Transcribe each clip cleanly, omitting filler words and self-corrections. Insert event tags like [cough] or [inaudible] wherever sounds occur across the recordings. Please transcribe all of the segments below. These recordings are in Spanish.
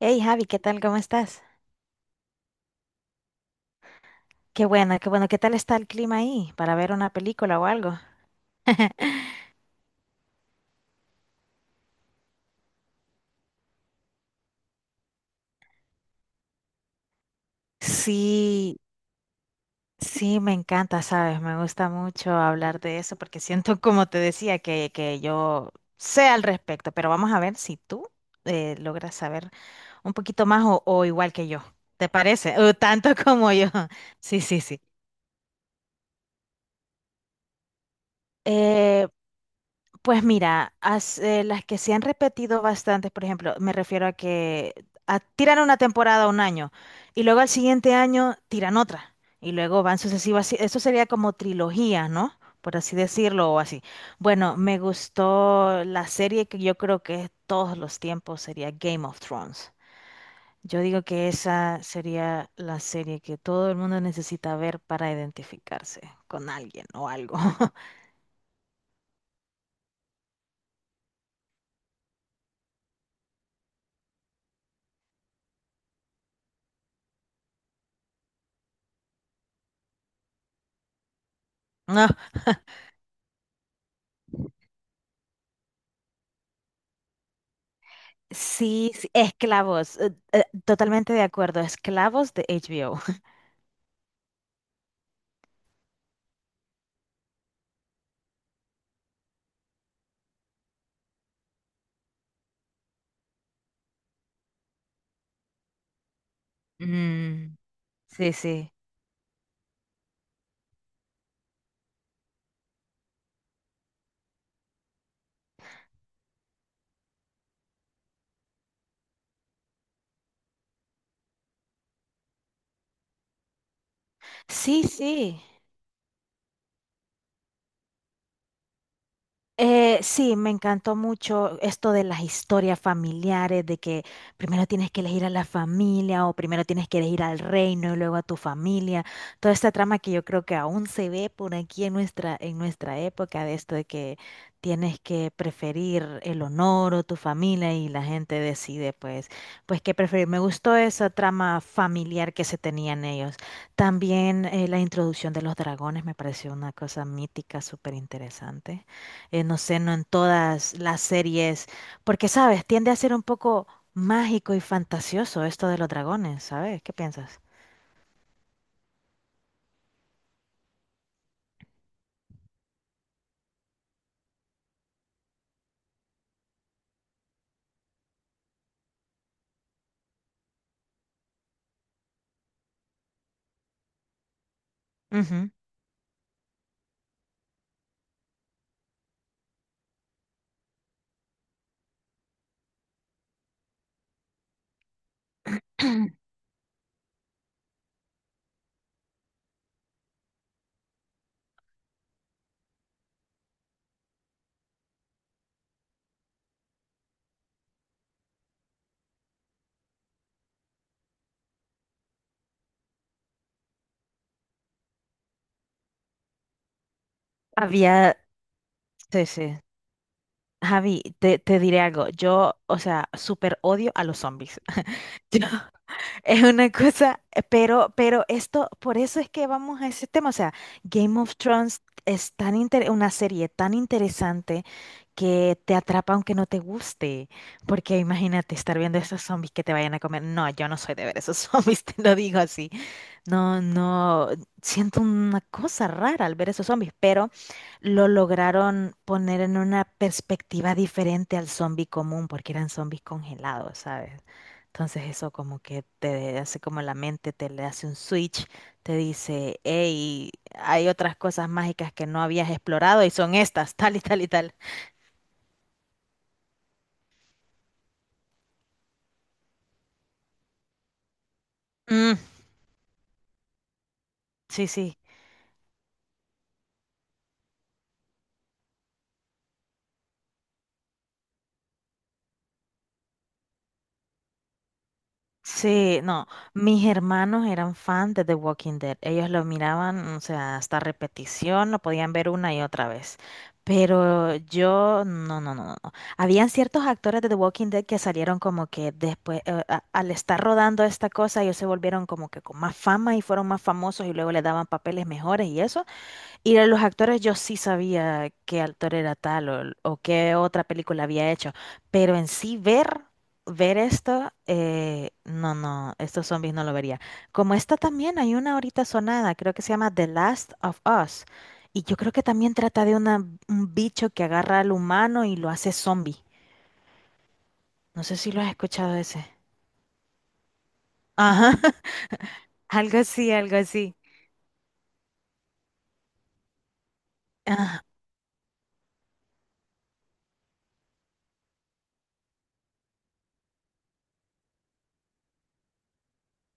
Hey Javi, ¿qué tal? ¿Cómo estás? Qué bueno, qué bueno. ¿Qué tal está el clima ahí para ver una película o algo? Sí, sí, me encanta, ¿sabes? Me gusta mucho hablar de eso porque siento, como te decía, que yo sé al respecto, pero vamos a ver si tú logras saber un poquito más o igual que yo. ¿Te parece? O tanto como yo. [laughs] Sí, sí, sí. Eh, Pues mira, las que se han repetido bastante, por ejemplo, me refiero a que tiran una temporada un año y luego al siguiente año tiran otra y luego van sucesivas. Sí, eso sería como trilogía, ¿no? Por así decirlo o así. Bueno, me gustó la serie que yo creo que es todos los tiempos sería Game of Thrones. Yo digo que esa sería la serie que todo el mundo necesita ver para identificarse con alguien o algo. [laughs] Sí, sí, esclavos, totalmente de acuerdo, esclavos de H. HBO. [laughs] Mm, sí, sí. Sí, sí. Sí, me encantó mucho esto de las historias familiares, de que primero tienes que elegir a la familia o primero tienes que elegir al reino y luego a tu familia. Toda esta trama que yo creo que aún se ve por aquí en en nuestra época, de esto de que tienes que preferir el honor o tu familia y la gente decide pues qué preferir. Me gustó esa trama familiar que se tenían ellos. También la introducción de los dragones me pareció una cosa mítica, súper interesante, no sé, no en todas las series, porque, ¿sabes? Tiende a ser un poco mágico y fantasioso esto de los dragones, ¿sabes? ¿Qué piensas? Ujú. Había, sí, sí. Javi, te diré algo. Yo, o sea, súper odio a los zombies. [laughs] Yo- Es una cosa, pero, esto, por eso es que vamos a ese tema. O sea, Game of Thrones es tan una serie tan interesante que te atrapa aunque no te guste. Porque imagínate estar viendo esos zombies que te vayan a comer. No, yo no soy de ver esos [laughs] zombies, te lo digo así. No, no, siento una cosa rara al ver esos zombies, pero lo lograron poner en una perspectiva diferente al zombie común, porque eran zombies congelados, ¿sabes? Entonces eso como que te hace como la mente, te le hace un switch, te dice, hey, hay otras cosas mágicas que no habías explorado y son estas, [laughs] tal y tal y tal. Mm, sí, sí. Sí, no, mis hermanos eran fans de The Walking Dead. Ellos lo miraban, o sea, hasta repetición, lo podían ver una y otra vez. Pero yo, no, no, no, no, no. Habían ciertos actores de The Walking Dead que salieron como que después, al estar rodando esta cosa, ellos se volvieron como que con más fama y fueron más famosos y luego les daban papeles mejores y eso. Y de los actores, yo sí sabía qué actor era tal o qué otra película había hecho, pero en sí ver esto, no, no, estos zombies no lo vería. Como esta también hay una ahorita sonada, creo que se llama The Last of Us, y yo creo que también trata de un bicho que agarra al humano y lo hace zombie. No sé si lo has escuchado ese. Ajá, [laughs] algo así, algo así. Ajá.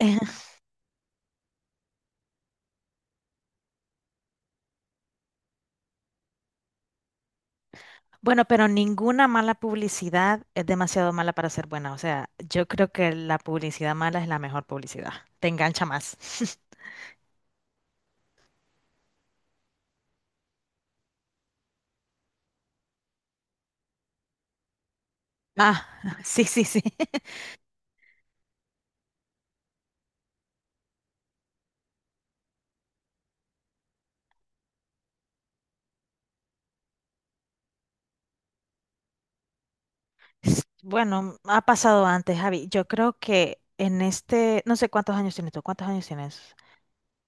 [laughs] Bueno, pero ninguna mala publicidad es demasiado mala para ser buena. O sea, yo creo que la publicidad mala es la mejor publicidad. Te engancha más. [laughs] Ah, [laughs] sí, sí, sí. [laughs] Bueno, ha pasado antes, Javi. Yo creo que en este, no sé cuántos años tienes tú, ¿cuántos años tienes?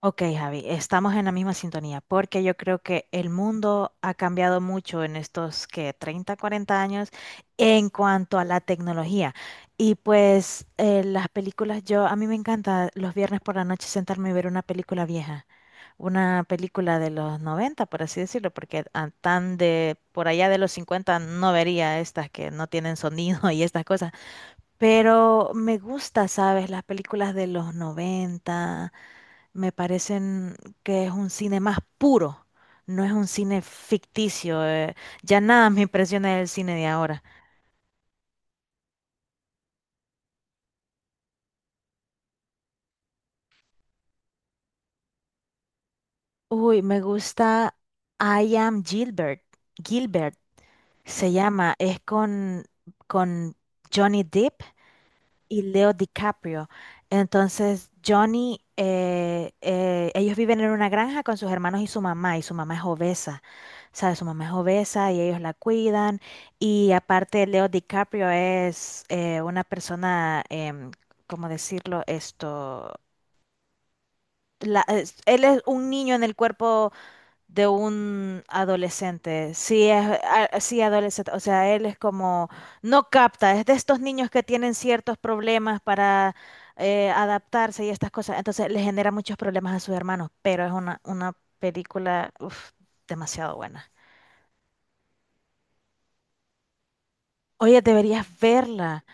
Ok, Javi, estamos en la misma sintonía, porque yo creo que el mundo ha cambiado mucho en estos que 30, 40 años en cuanto a la tecnología. Y pues las películas, yo a mí me encanta los viernes por la noche sentarme y ver una película vieja, una película de los 90, por así decirlo, porque tan de por allá de los 50 no vería estas que no tienen sonido [laughs] y estas cosas. Pero me gusta, ¿sabes? Las películas de los 90 me parecen que es un cine más puro, no es un cine ficticio. Ya nada me impresiona del cine de ahora. Uy, me gusta I Am Gilbert. Gilbert se llama, es con, Johnny Depp y Leo DiCaprio. Entonces, Johnny, ellos viven en una granja con sus hermanos y su mamá es obesa, ¿sabes? Su mamá es obesa y ellos la cuidan. Y aparte, Leo DiCaprio es una persona, ¿cómo decirlo? Esto, él es un niño en el cuerpo de un adolescente. Sí, sí, adolescente. O sea, él es como, no capta, es de estos niños que tienen ciertos problemas para adaptarse y estas cosas. Entonces le genera muchos problemas a sus hermanos, pero es una película uf, demasiado buena. Oye, deberías verla.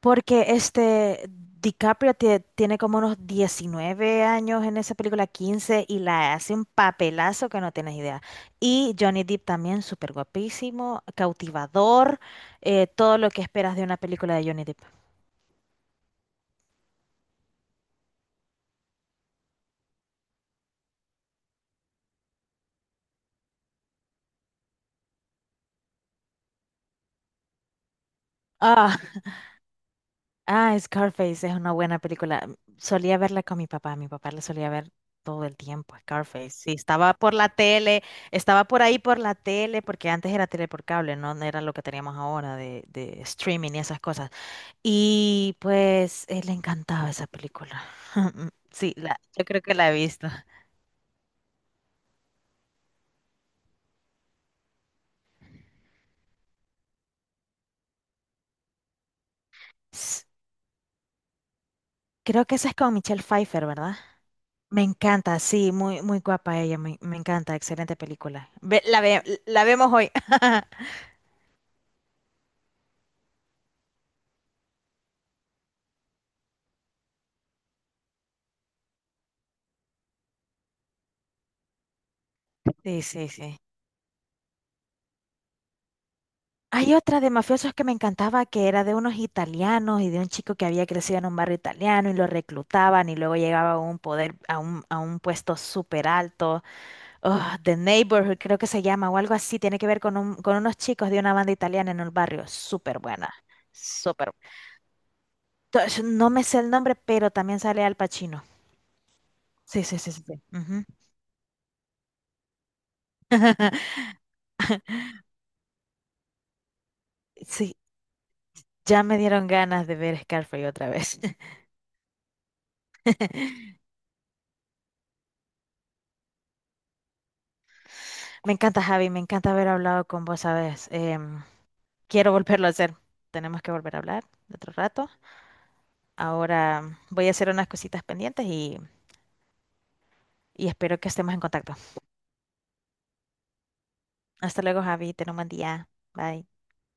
Porque este DiCaprio tiene como unos 19 años en esa película, 15 y la hace un papelazo que no tienes idea. Y Johnny Depp también, súper guapísimo, cautivador, todo lo que esperas de una película de Johnny Depp. Ah, ah, Scarface es una buena película. Solía verla con mi papá la solía ver todo el tiempo, Scarface. Sí, estaba por la tele, estaba por ahí por la tele, porque antes era tele por cable, no, no era lo que teníamos ahora de streaming y esas cosas. Y pues le encantaba esa película. [laughs] Sí, la, yo creo que la he visto. S- Creo que esa es con Michelle Pfeiffer, ¿verdad? Me encanta, sí, muy, muy guapa ella, me encanta, excelente película. La vemos hoy. [laughs] Sí, sí, sí. Hay otra de mafiosos que me encantaba que era de unos italianos y de un chico que había crecido en un barrio italiano y lo reclutaban y luego llegaba a un poder, a un puesto súper alto. Oh, The Neighborhood, creo que se llama, o algo así, tiene que ver con, con unos chicos de una banda italiana en el barrio. Súper buena, súper. No me sé el nombre, pero también sale Al Pacino. Sí, sí, sí, sí, sí. Ujú. [laughs] Sí, ya me dieron ganas de ver Scarface otra vez. [laughs] Me encanta, Javi, me encanta haber hablado con vos, ¿sabes? Quiero volverlo a hacer. Tenemos que volver a hablar otro rato. Ahora voy a hacer unas cositas pendientes y espero que estemos en contacto. Hasta luego, Javi, ten un buen día. Bye.